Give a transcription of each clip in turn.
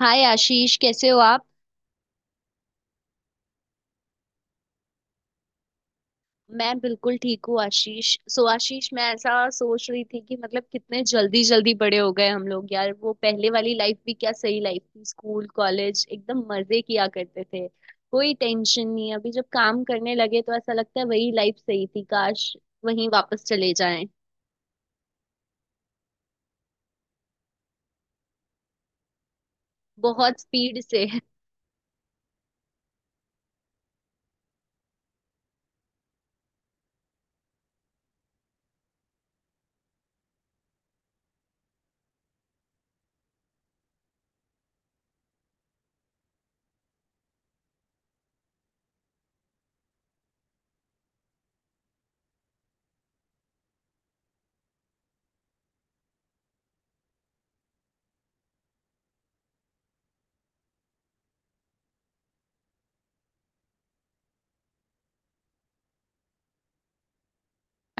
हाय आशीष, कैसे हो आप? मैं बिल्कुल ठीक हूँ आशीष। सो आशीष, मैं ऐसा सोच रही थी कि मतलब कितने जल्दी जल्दी बड़े हो गए हम लोग यार। वो पहले वाली लाइफ भी क्या सही लाइफ थी। स्कूल कॉलेज एकदम मजे किया करते थे। कोई टेंशन नहीं, अभी जब काम करने लगे तो ऐसा लगता है वही लाइफ सही थी। काश वहीं वापस चले जाएं। बहुत स्पीड से।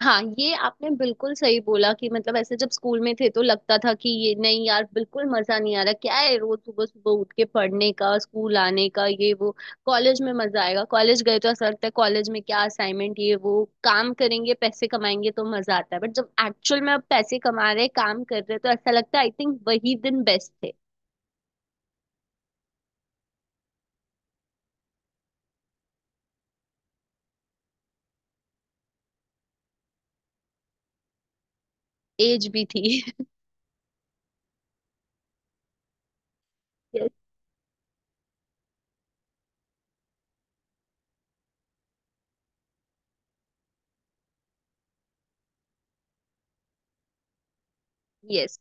हाँ, ये आपने बिल्कुल सही बोला कि मतलब ऐसे जब स्कूल में थे तो लगता था कि ये नहीं यार, बिल्कुल मजा नहीं आ रहा, क्या है रोज सुबह सुबह उठ के पढ़ने का, स्कूल आने का, ये वो। कॉलेज में मजा आएगा, कॉलेज गए तो ऐसा लगता है कॉलेज में क्या असाइनमेंट ये वो काम करेंगे, पैसे कमाएंगे तो मजा आता है, बट जब एक्चुअल में अब पैसे कमा रहे, काम कर रहे, तो ऐसा लगता है आई थिंक वही दिन बेस्ट थे। एज भी थी। यस।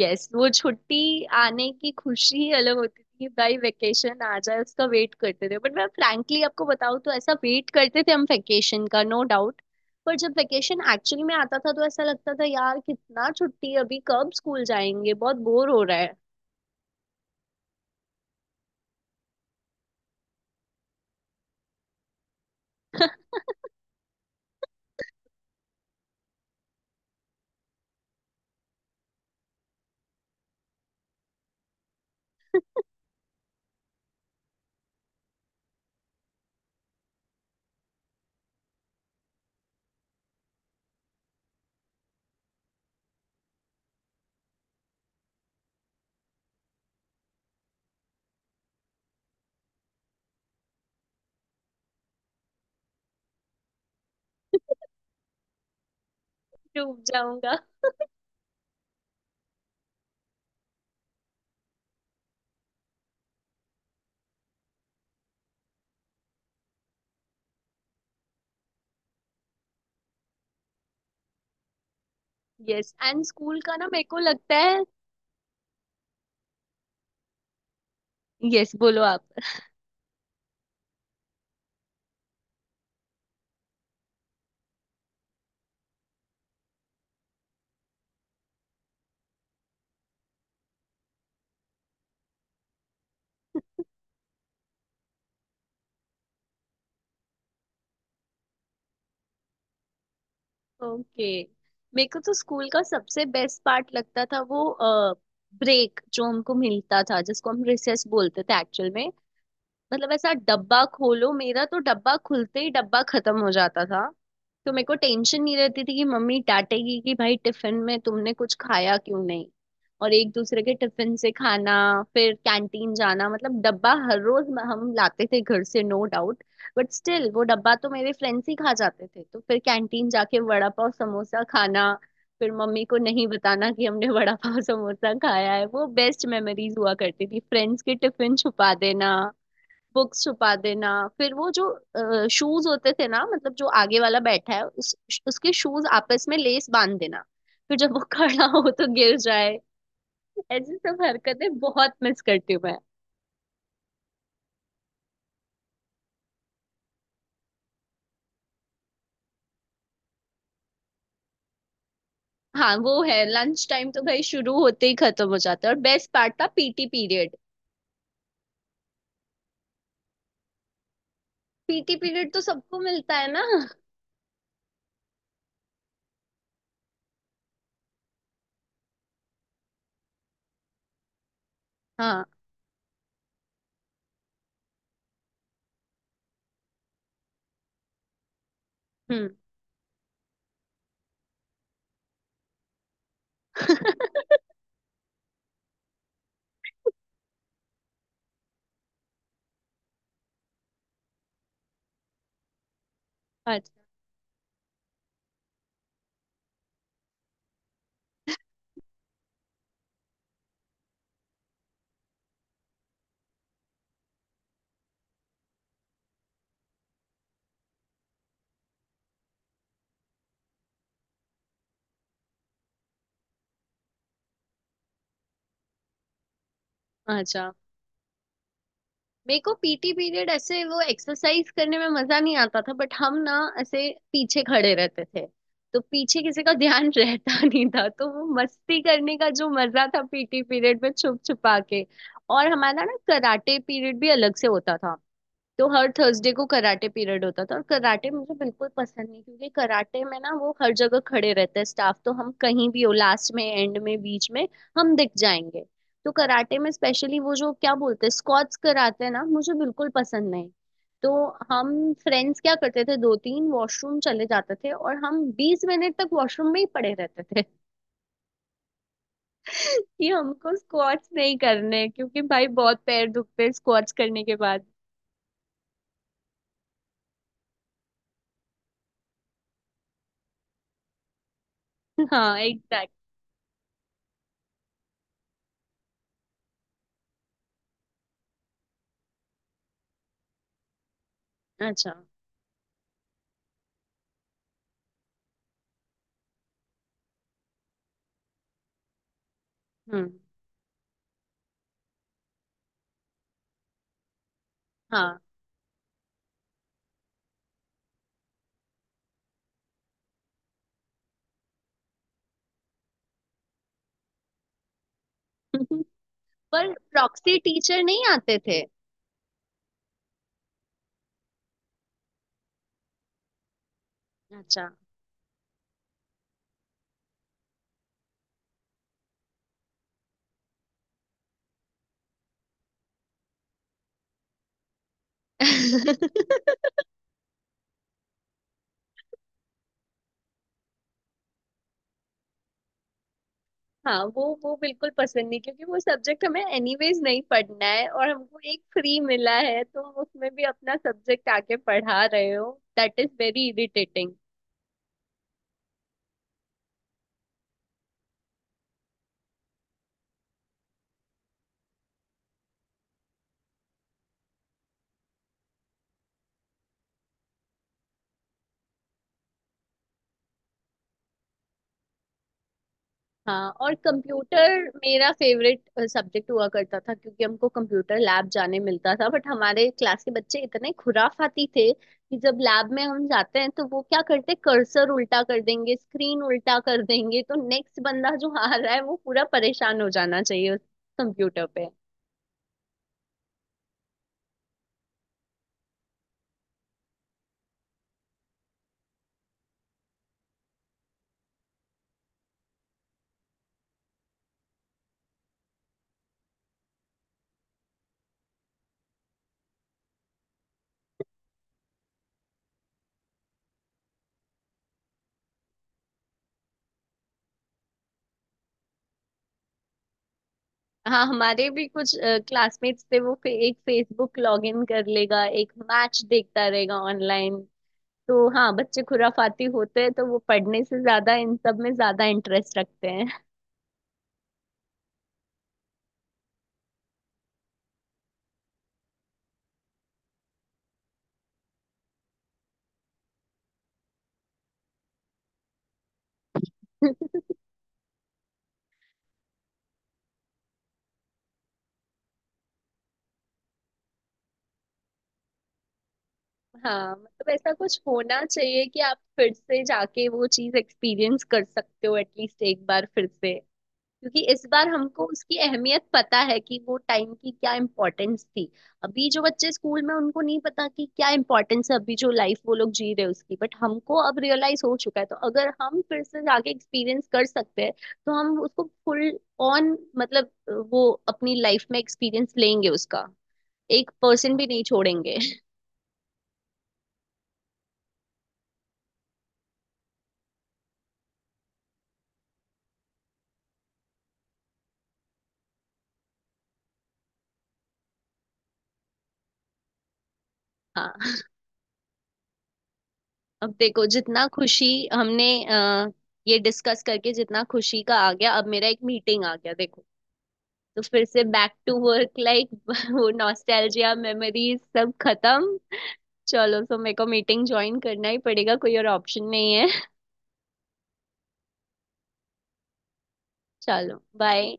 यस, वो छुट्टी आने की खुशी ही अलग होती थी भाई। वेकेशन आ जाए, उसका वेट करते थे, बट मैं फ्रैंकली आपको बताऊँ तो ऐसा वेट करते थे हम वेकेशन का, नो डाउट। पर जब वेकेशन एक्चुअली में आता था तो ऐसा लगता था यार कितना छुट्टी है, अभी कब स्कूल जाएंगे, बहुत बोर हो रहा है। डूब जाऊंगा। यस एंड स्कूल का ना, मेरे को लगता है। यस, बोलो आप। ओके। मेरे को तो स्कूल का सबसे बेस्ट पार्ट लगता था वो ब्रेक जो हमको मिलता था, जिसको हम रिसेस बोलते थे एक्चुअल में। मतलब ऐसा डब्बा खोलो, मेरा तो डब्बा खुलते ही डब्बा खत्म हो जाता था। तो मेरे को टेंशन नहीं रहती थी कि मम्मी डांटेगी कि भाई टिफिन में तुमने कुछ खाया क्यों नहीं। और एक दूसरे के टिफिन से खाना, फिर कैंटीन जाना। मतलब डब्बा हर रोज हम लाते थे घर से, नो डाउट। बट स्टिल वो डब्बा तो मेरे फ्रेंड्स ही खा जाते थे, तो फिर कैंटीन जाके वड़ा पाव समोसा खाना। फिर मम्मी को नहीं बताना कि हमने वड़ा पाव समोसा खाया है। वो बेस्ट मेमोरीज हुआ करती थी। फ्रेंड्स के टिफिन छुपा देना, बुक्स छुपा देना। फिर वो जो शूज होते थे ना, मतलब जो आगे वाला बैठा है उसके शूज आपस में लेस बांध देना। फिर जब वो खड़ा हो तो गिर जाए। ऐसी सब हरकतें बहुत मिस करती हूँ मैं। हाँ वो है, लंच टाइम तो भाई शुरू होते ही खत्म हो जाता है। और बेस्ट पार्ट था पीटी पीरियड। पीटी पीरियड तो सबको मिलता है ना। हाँ। हम्म। अच्छा। अच्छा, मेरे को पीटी पीरियड ऐसे वो एक्सरसाइज करने में मजा नहीं आता था, बट हम ना ऐसे पीछे खड़े रहते थे, तो पीछे किसी का ध्यान रहता नहीं था, तो वो मस्ती करने का जो मजा था पीटी पीरियड में छुप छुपा के। और हमारा ना कराटे पीरियड भी अलग से होता था। तो हर थर्सडे को कराटे पीरियड होता था, और कराटे मुझे बिल्कुल पसंद नहीं, क्योंकि कराटे में ना वो हर जगह खड़े रहते हैं स्टाफ, तो हम कहीं भी हो, लास्ट में, एंड में, बीच में, हम दिख जाएंगे। तो कराटे में स्पेशली वो जो क्या बोलते हैं स्क्वाट्स कराते हैं ना, मुझे बिल्कुल पसंद नहीं। तो हम फ्रेंड्स क्या करते थे, दो तीन वॉशरूम चले जाते थे और हम 20 मिनट तक वॉशरूम में ही पड़े रहते थे। कि हमको स्क्वाट्स नहीं करने, क्योंकि भाई बहुत पैर दुखते हैं स्क्वाट्स करने के बाद। हाँ, एग्जैक्ट। अच्छा। हम्म। हाँ। पर प्रॉक्सी टीचर नहीं आते थे? अच्छा। हाँ वो बिल्कुल पसंद नहीं, क्योंकि वो सब्जेक्ट हमें एनीवेज नहीं पढ़ना है, और हमको एक फ्री मिला है, तुम उसमें भी अपना सब्जेक्ट आके पढ़ा रहे हो। That is very irritating. हाँ, और कंप्यूटर मेरा फेवरेट सब्जेक्ट हुआ करता था, क्योंकि हमको कंप्यूटर लैब जाने मिलता था, बट हमारे क्लास के बच्चे इतने खुराफाती थे कि जब लैब में हम जाते हैं तो वो क्या करते, कर्सर उल्टा कर देंगे, स्क्रीन उल्टा कर देंगे, तो नेक्स्ट बंदा जो आ रहा है वो पूरा परेशान हो जाना चाहिए उस कंप्यूटर पे। हाँ, हमारे भी कुछ क्लासमेट्स थे, वो एक फेसबुक लॉग इन कर लेगा, एक मैच देखता रहेगा ऑनलाइन। तो हाँ, बच्चे खुराफाती होते हैं तो वो पढ़ने से ज्यादा इन सब में ज्यादा इंटरेस्ट रखते हैं। हाँ, मतलब ऐसा कुछ होना चाहिए कि आप फिर से जाके वो चीज एक्सपीरियंस कर सकते हो एटलीस्ट एक बार फिर से। क्योंकि इस बार हमको उसकी अहमियत पता है कि वो टाइम की क्या इम्पोर्टेंस थी। अभी जो बच्चे स्कूल में, उनको नहीं पता कि क्या इम्पोर्टेंस है अभी जो लाइफ वो लोग जी रहे हैं उसकी, बट हमको अब रियलाइज हो चुका है। तो अगर हम फिर से जाके एक्सपीरियंस कर सकते हैं, तो हम उसको फुल ऑन मतलब वो अपनी लाइफ में एक्सपीरियंस लेंगे, उसका 1% भी नहीं छोड़ेंगे। हाँ। अब देखो जितना खुशी हमने ये डिस्कस करके जितना खुशी का आ गया, अब मेरा एक मीटिंग आ गया देखो। तो फिर से बैक टू वर्क लाइक वो नॉस्टैल्जिया मेमोरीज सब खत्म। चलो सो मेरे को मीटिंग ज्वाइन करना ही पड़ेगा, कोई और ऑप्शन नहीं है। चलो बाय।